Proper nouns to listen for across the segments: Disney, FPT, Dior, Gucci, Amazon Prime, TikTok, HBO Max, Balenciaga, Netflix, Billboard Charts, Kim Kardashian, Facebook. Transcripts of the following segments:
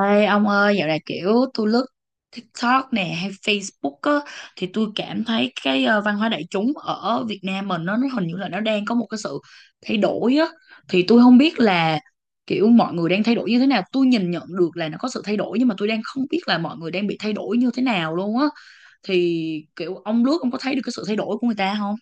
Ê ông ơi, dạo này kiểu tôi lướt TikTok nè hay Facebook á, thì tôi cảm thấy cái văn hóa đại chúng ở Việt Nam mình nó hình như là nó đang có một cái sự thay đổi á. Thì tôi không biết là kiểu mọi người đang thay đổi như thế nào. Tôi nhìn nhận được là nó có sự thay đổi nhưng mà tôi đang không biết là mọi người đang bị thay đổi như thế nào luôn á. Thì kiểu ông lướt, ông có thấy được cái sự thay đổi của người ta không?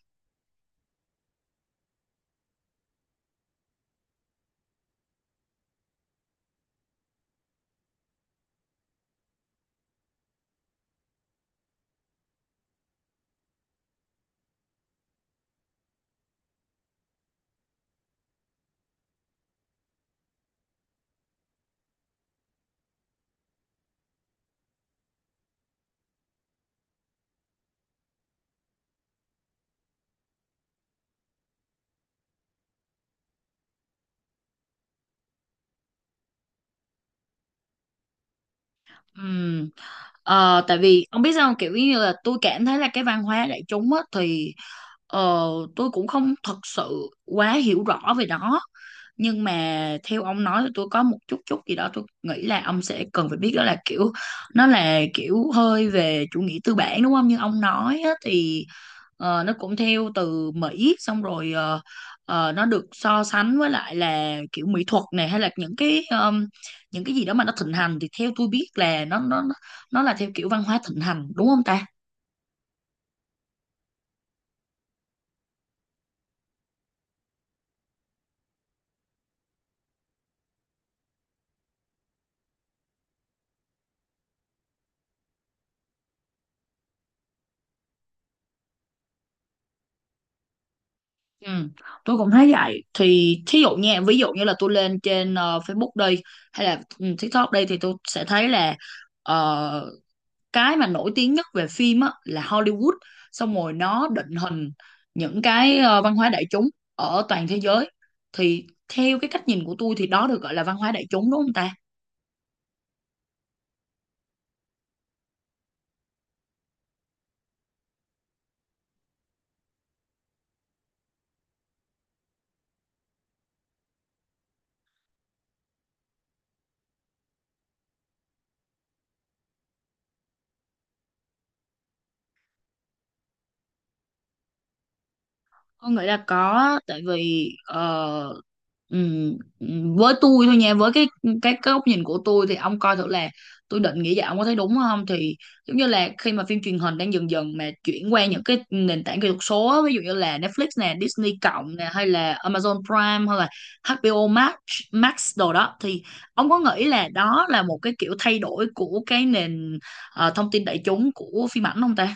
Ừm, tại vì ông biết sao không? Kiểu như là tôi cảm thấy là cái văn hóa đại chúng á, thì ờ, tôi cũng không thật sự quá hiểu rõ về đó, nhưng mà theo ông nói thì tôi có một chút chút gì đó tôi nghĩ là ông sẽ cần phải biết, đó là kiểu nó là kiểu hơi về chủ nghĩa tư bản đúng không, như ông nói á, thì nó cũng theo từ Mỹ xong rồi nó được so sánh với lại là kiểu mỹ thuật này hay là những cái gì đó mà nó thịnh hành, thì theo tôi biết là nó là theo kiểu văn hóa thịnh hành đúng không ta? Ừ, tôi cũng thấy vậy. Thì thí dụ nha, ví dụ như là tôi lên trên Facebook đây hay là TikTok đây thì tôi sẽ thấy là ờ, cái mà nổi tiếng nhất về phim á là Hollywood, xong rồi nó định hình những cái văn hóa đại chúng ở toàn thế giới. Thì theo cái cách nhìn của tôi thì đó được gọi là văn hóa đại chúng đúng không ta? Con nghĩ là có á, tại vì với tôi thôi nha, với cái góc nhìn của tôi thì ông coi thử là tôi định nghĩ vậy ông có thấy đúng không, thì giống như là khi mà phim truyền hình đang dần dần mà chuyển qua những cái nền tảng kỹ thuật số á, ví dụ như là Netflix nè, Disney cộng nè, hay là Amazon Prime, hay là HBO Max Max đồ đó, thì ông có nghĩ là đó là một cái kiểu thay đổi của cái nền thông tin đại chúng của phim ảnh không ta?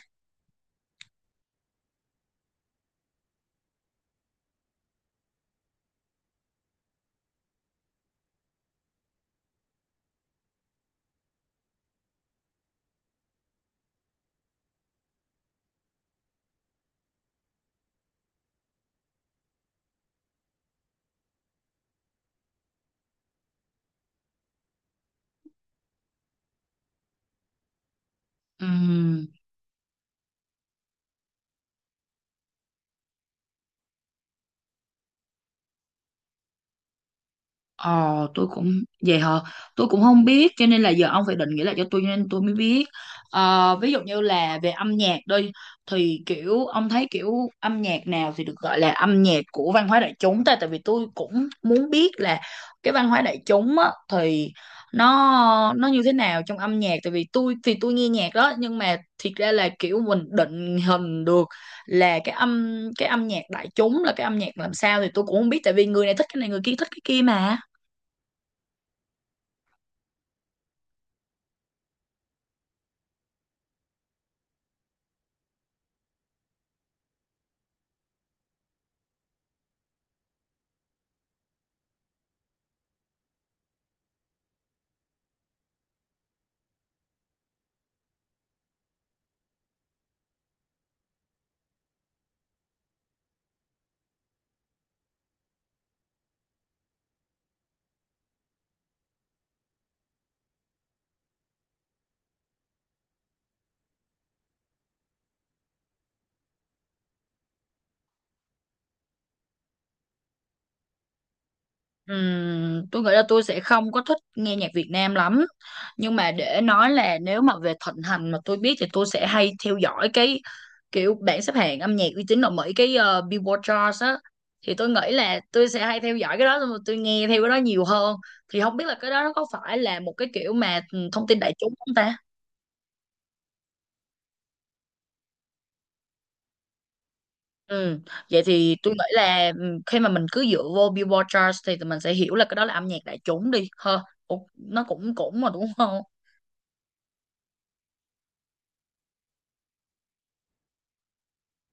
Ừm. Ờ, tôi cũng. Vậy hả? Tôi cũng không biết, cho nên là giờ ông phải định nghĩa lại cho tôi, cho nên tôi mới biết. Ờ, ví dụ như là về âm nhạc đi, thì kiểu ông thấy kiểu âm nhạc nào thì được gọi là âm nhạc của văn hóa đại chúng ta? Tại vì tôi cũng muốn biết là cái văn hóa đại chúng á, thì nó như thế nào trong âm nhạc. Tại vì tôi thì tôi nghe nhạc đó, nhưng mà thiệt ra là kiểu mình định hình được là cái âm nhạc đại chúng là cái âm nhạc làm sao thì tôi cũng không biết, tại vì người này thích cái này người kia thích cái kia mà. Tôi nghĩ là tôi sẽ không có thích nghe nhạc Việt Nam lắm, nhưng mà để nói là nếu mà về thịnh hành mà tôi biết thì tôi sẽ hay theo dõi cái kiểu bảng xếp hạng âm nhạc uy tín ở Mỹ, cái Billboard Charts á, thì tôi nghĩ là tôi sẽ hay theo dõi cái đó xong rồi tôi nghe theo cái đó nhiều hơn. Thì không biết là cái đó nó có phải là một cái kiểu mà thông tin đại chúng không ta? Ừ. Vậy thì tôi nghĩ là khi mà mình cứ dựa vô Billboard Charts thì tụi mình sẽ hiểu là cái đó là âm nhạc đại chúng đi ha. Ủa, nó cũng cũng mà đúng không?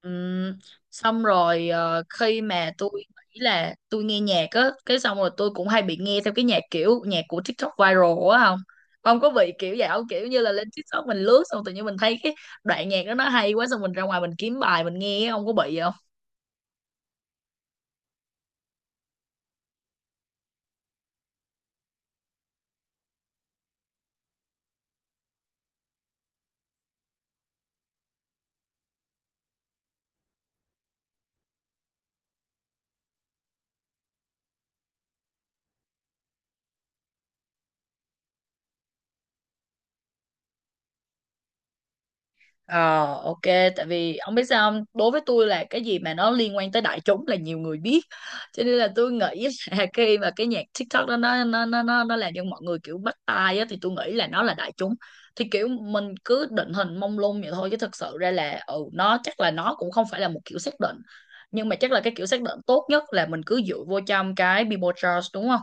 Ừm, xong rồi khi mà tôi nghĩ là tôi nghe nhạc á, cái xong rồi tôi cũng hay bị nghe theo cái nhạc kiểu nhạc của TikTok viral á, không, không có bị kiểu vậy không? Kiểu như là lên TikTok mình lướt xong tự nhiên mình thấy cái đoạn nhạc đó nó hay quá, xong mình ra ngoài mình kiếm bài mình nghe. Không có bị vậy? Ờ, ok, tại vì ông biết sao không? Đối với tôi là cái gì mà nó liên quan tới đại chúng là nhiều người biết. Cho nên là tôi nghĩ là khi mà cái nhạc TikTok đó nó làm cho mọi người kiểu bắt tai á thì tôi nghĩ là nó là đại chúng. Thì kiểu mình cứ định hình mông lung vậy thôi, chứ thực sự ra là nó chắc là nó cũng không phải là một kiểu xác định. Nhưng mà chắc là cái kiểu xác định tốt nhất là mình cứ dựa vô trong cái Billboard Charts đúng không?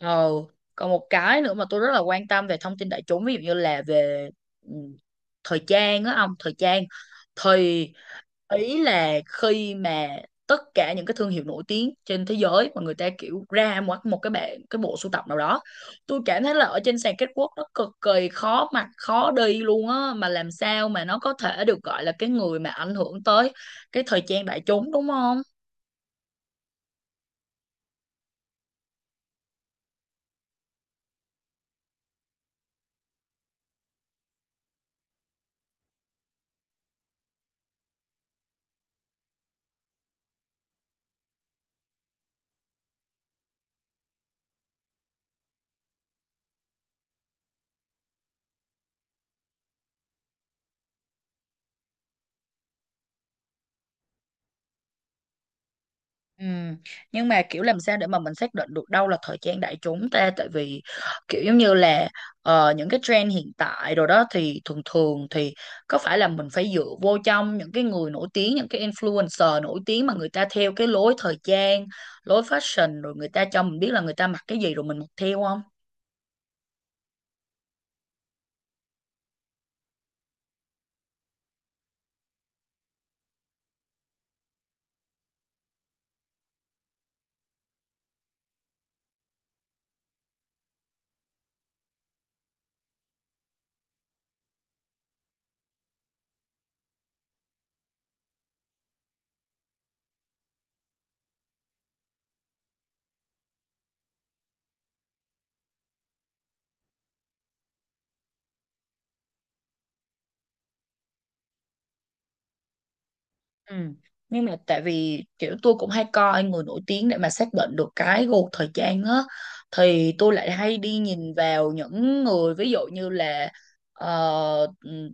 Ờ, còn một cái nữa mà tôi rất là quan tâm về thông tin đại chúng, ví dụ như là về ừ, thời trang á, ông, thời trang thì ý là khi mà tất cả những cái thương hiệu nổi tiếng trên thế giới mà người ta kiểu ra một một cái bộ sưu tập nào đó, tôi cảm thấy là ở trên sàn catwalk nó cực kỳ khó mặc khó đi luôn á, mà làm sao mà nó có thể được gọi là cái người mà ảnh hưởng tới cái thời trang đại chúng đúng không? Ừ. Nhưng mà kiểu làm sao để mà mình xác định được đâu là thời trang đại chúng ta? Tại vì kiểu giống như là những cái trend hiện tại rồi đó thì thường thường thì có phải là mình phải dựa vô trong những cái người nổi tiếng, những cái influencer nổi tiếng mà người ta theo cái lối thời trang, lối fashion rồi người ta cho mình biết là người ta mặc cái gì rồi mình mặc theo không? Ừ. Nhưng mà tại vì kiểu tôi cũng hay coi người nổi tiếng để mà xác định được cái gu thời trang á, thì tôi lại hay đi nhìn vào những người, ví dụ như là ờ, ừm,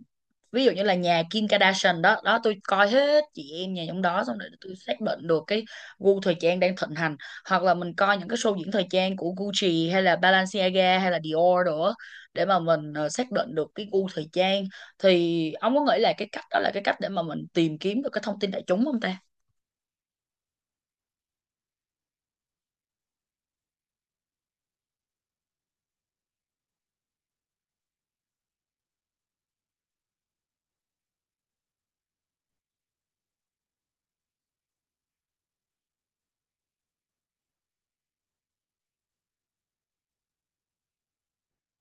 nhà Kim Kardashian đó đó, tôi coi hết chị em nhà trong đó xong rồi tôi xác định được cái gu thời trang đang thịnh hành, hoặc là mình coi những cái show diễn thời trang của Gucci hay là Balenciaga hay là Dior nữa, để mà mình xác định được cái gu thời trang. Thì ông có nghĩ là cái cách đó là cái cách để mà mình tìm kiếm được cái thông tin đại chúng không ta?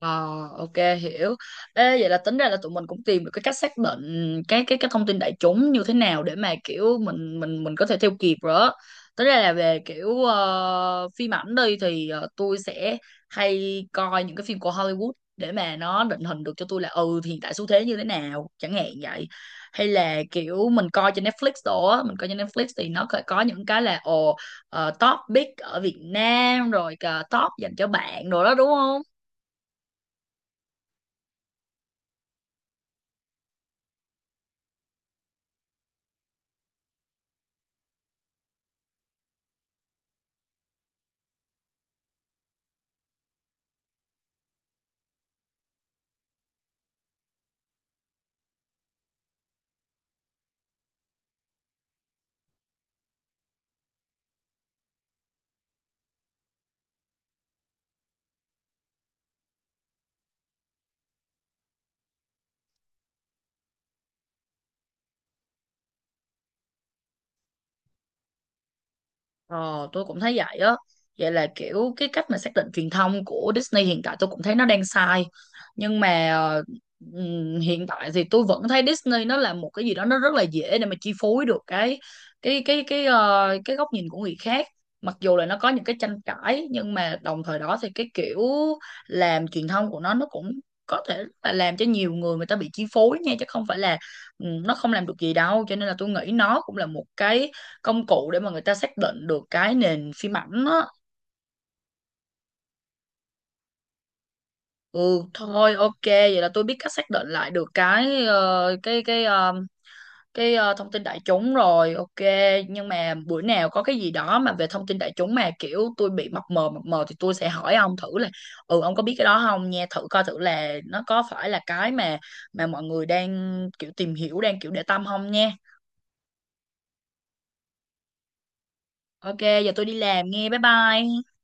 Ờ, ok, hiểu. Ê, vậy là tính ra là tụi mình cũng tìm được cái cách xác định cái thông tin đại chúng như thế nào để mà kiểu mình có thể theo kịp rồi á. Tính ra là về kiểu phim ảnh đi thì tôi sẽ hay coi những cái phim của Hollywood để mà nó định hình được cho tôi là thì hiện tại xu thế như thế nào chẳng hạn vậy. Hay là kiểu mình coi trên Netflix đồ á, mình coi trên Netflix thì nó có những cái là top big ở Việt Nam rồi cả top dành cho bạn đồ đó đúng không? Ờ, tôi cũng thấy vậy á. Vậy là kiểu cái cách mà xác định truyền thông của Disney hiện tại tôi cũng thấy nó đang sai. Nhưng mà hiện tại thì tôi vẫn thấy Disney nó là một cái gì đó nó rất là dễ để mà chi phối được cái góc nhìn của người khác. Mặc dù là nó có những cái tranh cãi nhưng mà đồng thời đó thì cái kiểu làm truyền thông của nó cũng có thể là làm cho nhiều người, người ta bị chi phối nha, chứ không phải là nó không làm được gì đâu. Cho nên là tôi nghĩ nó cũng là một cái công cụ để mà người ta xác định được cái nền phim ảnh á. Ừ, thôi ok, vậy là tôi biết cách xác định lại được cái thông tin đại chúng rồi. Ok. Nhưng mà bữa nào có cái gì đó mà về thông tin đại chúng mà kiểu tôi bị mập mờ thì tôi sẽ hỏi ông thử là ông có biết cái đó không nha, thử coi thử là nó có phải là cái mà mọi người đang kiểu tìm hiểu, đang kiểu để tâm không nha. Ok, giờ tôi đi làm nghe. Bye bye.